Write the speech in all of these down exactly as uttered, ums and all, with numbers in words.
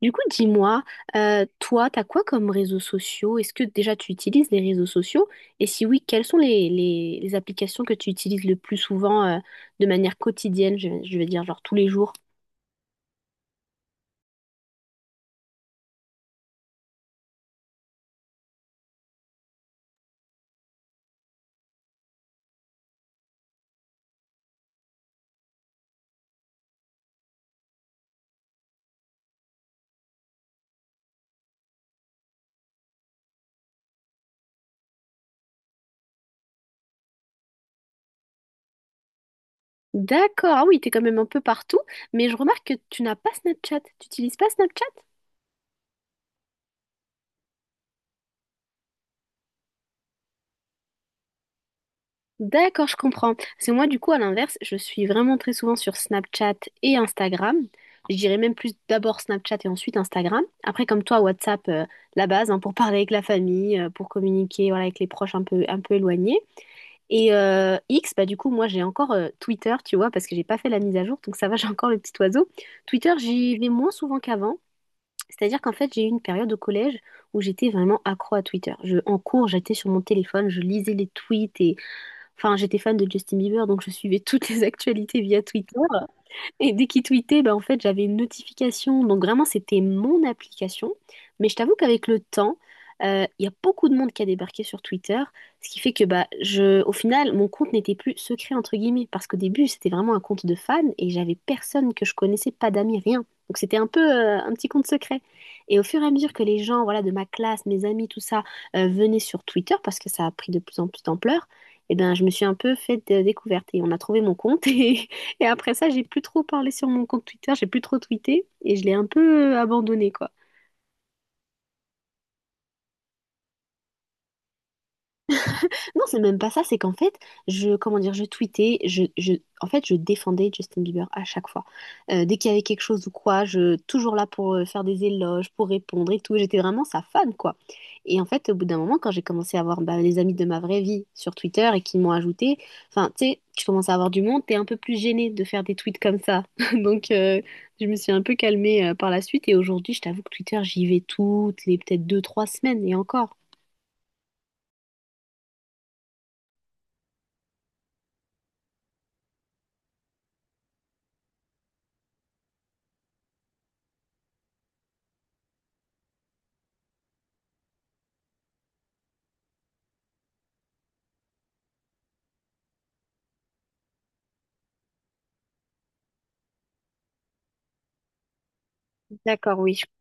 Du coup, dis-moi, euh, toi, t'as quoi comme réseaux sociaux? Est-ce que déjà tu utilises les réseaux sociaux? Et si oui, quelles sont les, les- les applications que tu utilises le plus souvent, euh, de manière quotidienne, je, je veux dire, genre tous les jours? D'accord, ah oui, t'es quand même un peu partout, mais je remarque que tu n'as pas Snapchat. Tu n'utilises pas Snapchat? D'accord, je comprends. C'est moi, du coup, à l'inverse, je suis vraiment très souvent sur Snapchat et Instagram. Je dirais même plus d'abord Snapchat et ensuite Instagram. Après, comme toi, WhatsApp, euh, la base, hein, pour parler avec la famille, euh, pour communiquer, voilà, avec les proches un peu, un peu éloignés. Et euh, X, bah du coup, moi, j'ai encore euh, Twitter, tu vois, parce que j'ai pas fait la mise à jour, donc ça va, j'ai encore le petit oiseau. Twitter, j'y vais moins souvent qu'avant. C'est-à-dire qu'en fait, j'ai eu une période au collège où j'étais vraiment accro à Twitter. Je, en cours, j'étais sur mon téléphone, je lisais les tweets. Enfin, j'étais fan de Justin Bieber, donc je suivais toutes les actualités via Twitter. Et dès qu'il tweetait, bah, en fait, j'avais une notification. Donc vraiment, c'était mon application. Mais je t'avoue qu'avec le temps, euh, il y a beaucoup de monde qui a débarqué sur Twitter, ce qui fait que bah, je, au final, mon compte n'était plus secret, entre guillemets, parce qu'au début, c'était vraiment un compte de fan et j'avais personne que je connaissais, pas d'amis, rien. Donc c'était un peu euh, un petit compte secret. Et au fur et à mesure que les gens, voilà, de ma classe, mes amis, tout ça, euh, venaient sur Twitter, parce que ça a pris de plus en plus d'ampleur, et ben, je me suis un peu fait de découverte et on a trouvé mon compte. Et après ça, j'ai plus trop parlé sur mon compte Twitter, j'ai plus trop tweeté et je l'ai un peu abandonné, quoi. Non, c'est même pas ça, c'est qu'en fait, je, comment dire, je tweetais, je, je, en fait, je défendais Justin Bieber à chaque fois. Euh, dès qu'il y avait quelque chose ou quoi, je, toujours là pour euh, faire des éloges, pour répondre et tout. J'étais vraiment sa fan, quoi. Et en fait, au bout d'un moment, quand j'ai commencé à avoir bah, les amis de ma vraie vie sur Twitter et qui m'ont ajouté, enfin, tu sais, tu commences à avoir du monde, t'es un peu plus gênée de faire des tweets comme ça. Donc, euh, je me suis un peu calmée euh, par la suite et aujourd'hui, je t'avoue que Twitter, j'y vais toutes les peut-être deux, trois semaines et encore. D'accord, oui. Je comprends.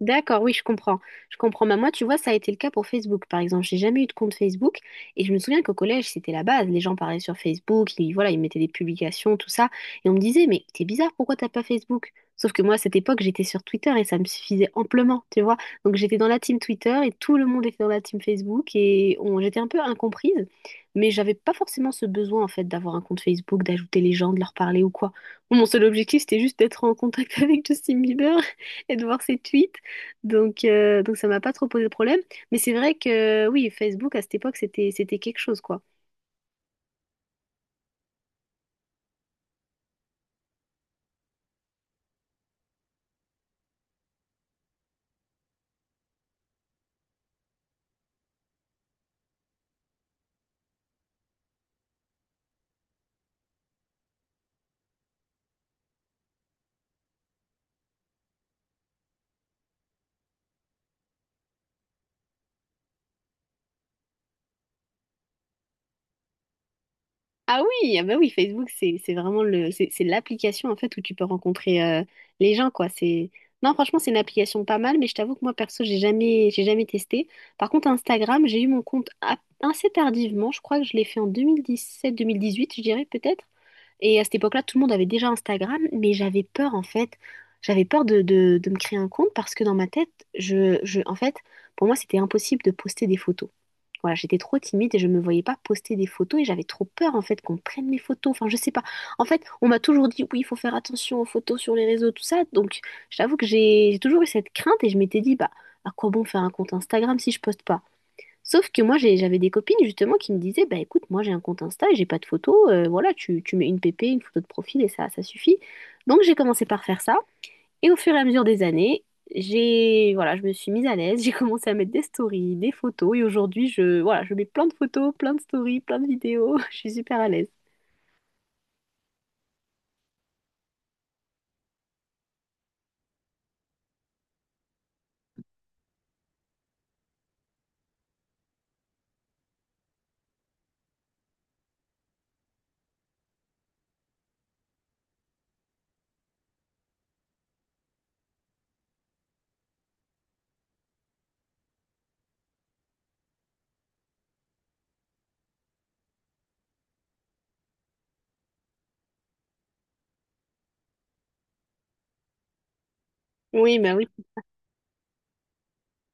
D'accord, oui, je comprends. Je comprends. Bah, moi, tu vois, ça a été le cas pour Facebook, par exemple. J'ai jamais eu de compte Facebook. Et je me souviens qu'au collège, c'était la base. Les gens parlaient sur Facebook, ils, voilà, ils mettaient des publications, tout ça. Et on me disait, mais t'es bizarre, pourquoi t'as pas Facebook? Sauf que moi, à cette époque, j'étais sur Twitter et ça me suffisait amplement, tu vois. Donc j'étais dans la team Twitter et tout le monde était dans la team Facebook et on, j'étais un peu incomprise. Mais j'avais pas forcément ce besoin, en fait, d'avoir un compte Facebook, d'ajouter les gens, de leur parler ou quoi. Mon seul objectif, c'était juste d'être en contact avec Justin Bieber et de voir ses tweets. Donc, euh, donc ça m'a pas trop posé de problème. Mais c'est vrai que oui, Facebook à cette époque, c'était, c'était, quelque chose, quoi. Ah oui, ah bah oui, Facebook, c'est, c'est vraiment le, c'est, c'est l'application en fait où tu peux rencontrer euh, les gens, quoi. C'est, non, franchement, c'est une application pas mal, mais je t'avoue que moi, perso, j'ai jamais, j'ai jamais testé. Par contre, Instagram, j'ai eu mon compte a- assez tardivement. Je crois que je l'ai fait en deux mille dix-sept-deux mille dix-huit, je dirais peut-être. Et à cette époque-là, tout le monde avait déjà Instagram, mais j'avais peur en fait. J'avais peur de, de- de me créer un compte parce que dans ma tête, je, je- en fait, pour moi, c'était impossible de poster des photos. Voilà, j'étais trop timide et je me voyais pas poster des photos et j'avais trop peur en fait qu'on prenne mes photos. Enfin, je sais pas. En fait, on m'a toujours dit oui, il faut faire attention aux photos sur les réseaux, tout ça. Donc, je t'avoue que j'ai j'ai toujours eu cette crainte et je m'étais dit bah à quoi bon faire un compte Instagram si je poste pas? Sauf que moi, j'ai- j'avais des copines justement qui me disaient, bah écoute, moi j'ai un compte Insta et j'ai pas de photo, euh, voilà, tu, tu mets une P P, une photo de profil et ça, ça suffit. Donc j'ai commencé par faire ça et au fur et à mesure des années, j'ai, voilà, je me suis mise à l'aise. J'ai commencé à mettre des stories, des photos et aujourd'hui, je, voilà, je mets plein de photos, plein de stories, plein de vidéos, je suis super à l'aise. Oui, bah oui.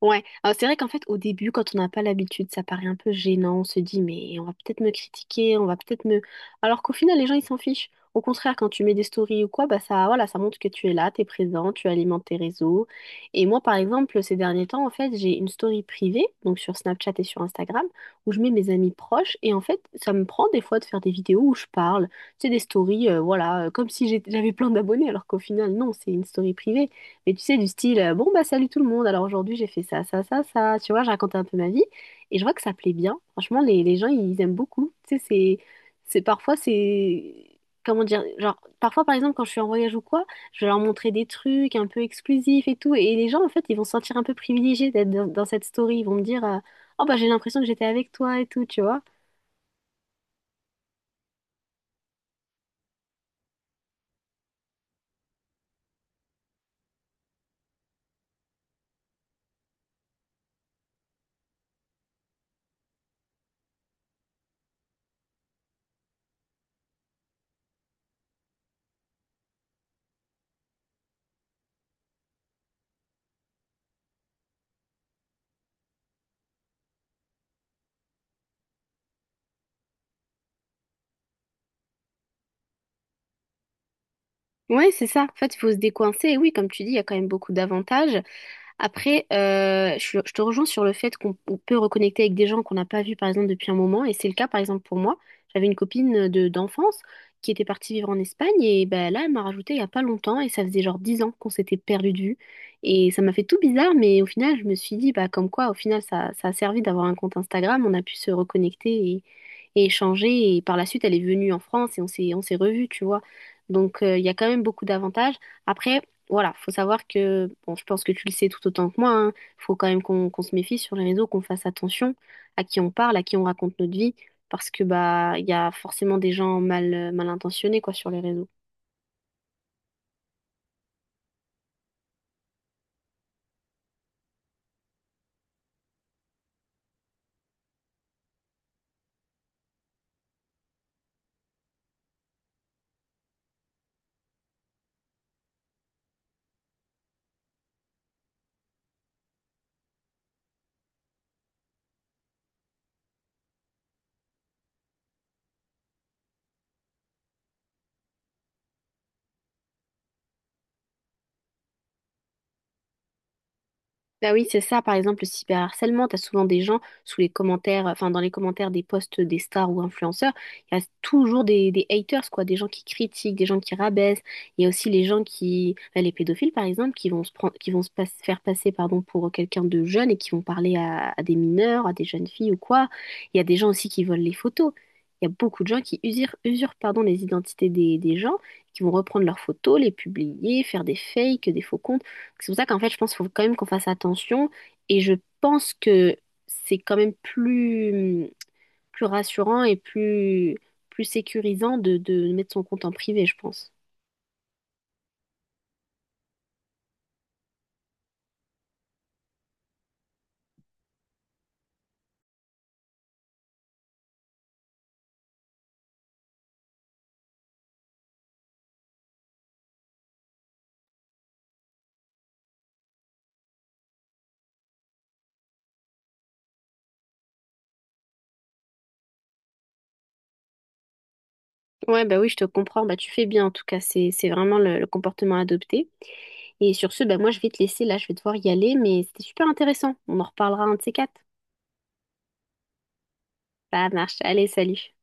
Ouais, alors c'est vrai qu'en fait au début quand on n'a pas l'habitude ça paraît un peu gênant, on se dit mais on va peut-être me critiquer, on va peut-être me... Alors qu'au final les gens ils s'en fichent. Au contraire quand tu mets des stories ou quoi, bah ça voilà, ça montre que tu es là, t'es présent, tu alimentes tes réseaux. Et moi par exemple ces derniers temps en fait j'ai une story privée, donc sur Snapchat et sur Instagram, où je mets mes amis proches et en fait ça me prend des fois de faire des vidéos où je parle, c'est des stories euh, voilà, euh, comme si j'ai- j'avais plein d'abonnés alors qu'au final non, c'est une story privée. Mais tu sais, du style, euh, bon, bah salut tout le monde, alors aujourd'hui j'ai fait ça, ça, ça, ça, tu vois, je racontais un peu ma vie, et je vois que ça plaît bien. Franchement, les, les gens, ils aiment beaucoup. Tu sais, c'est, c'est, parfois, c'est, comment dire, genre, parfois, par exemple, quand je suis en voyage ou quoi, je vais leur montrer des trucs un peu exclusifs et tout, et les gens, en fait, ils vont se sentir un peu privilégiés d'être dans, dans cette story, ils vont me dire, euh, oh, bah j'ai l'impression que j'étais avec toi et tout, tu vois. Ouais, c'est ça. En fait, il faut se décoincer. Et oui, comme tu dis, il y a quand même beaucoup d'avantages. Après, euh, je, je te rejoins sur le fait qu'on on peut reconnecter avec des gens qu'on n'a pas vus, par exemple, depuis un moment. Et c'est le cas, par exemple, pour moi. J'avais une copine de d'enfance qui était partie vivre en Espagne. Et ben, là, elle m'a rajouté il n'y a pas longtemps. Et ça faisait genre dix ans qu'on s'était perdu de vue. Et ça m'a fait tout bizarre. Mais au final, je me suis dit, bah, comme quoi, au final, ça, ça a servi d'avoir un compte Instagram. On a pu se reconnecter et, et échanger. Et par la suite, elle est venue en France et on s'est, on s'est revus, tu vois. Donc, euh, il y a quand même beaucoup d'avantages. Après, voilà, faut savoir que, bon, je pense que tu le sais tout autant que moi, hein, faut quand même qu'on qu'on se méfie sur les réseaux, qu'on fasse attention à qui on parle, à qui on raconte notre vie, parce que bah il y a forcément des gens mal, mal intentionnés quoi sur les réseaux. Bah oui, c'est ça, par exemple, le cyberharcèlement, t'as souvent des gens sous les commentaires, enfin dans les commentaires des posts des stars ou influenceurs, il y a toujours des, des haters, quoi, des gens qui critiquent, des gens qui rabaissent, il y a aussi les gens qui, bah, les pédophiles par exemple, qui vont se prendre, qui vont se pas- faire passer pardon, pour quelqu'un de jeune et qui vont parler à, à des mineurs, à des jeunes filles ou quoi. Il y a des gens aussi qui volent les photos. Il y a beaucoup de gens qui usurpent, usurpent pardon, les identités des, des gens, qui vont reprendre leurs photos, les publier, faire des fakes, des faux comptes. C'est pour ça qu'en fait, je pense qu'il faut quand même qu'on fasse attention et je pense que c'est quand même plus, plus, rassurant et plus, plus, sécurisant de, de mettre son compte en privé, je pense. Ouais, bah oui, je te comprends. Bah, tu fais bien, en tout cas, c'est, c'est, vraiment le, le comportement adopté. Et sur ce, bah, moi, je vais te laisser là, je vais devoir y aller, mais c'était super intéressant. On en reparlera un de ces quatre. Ça marche. Allez, salut.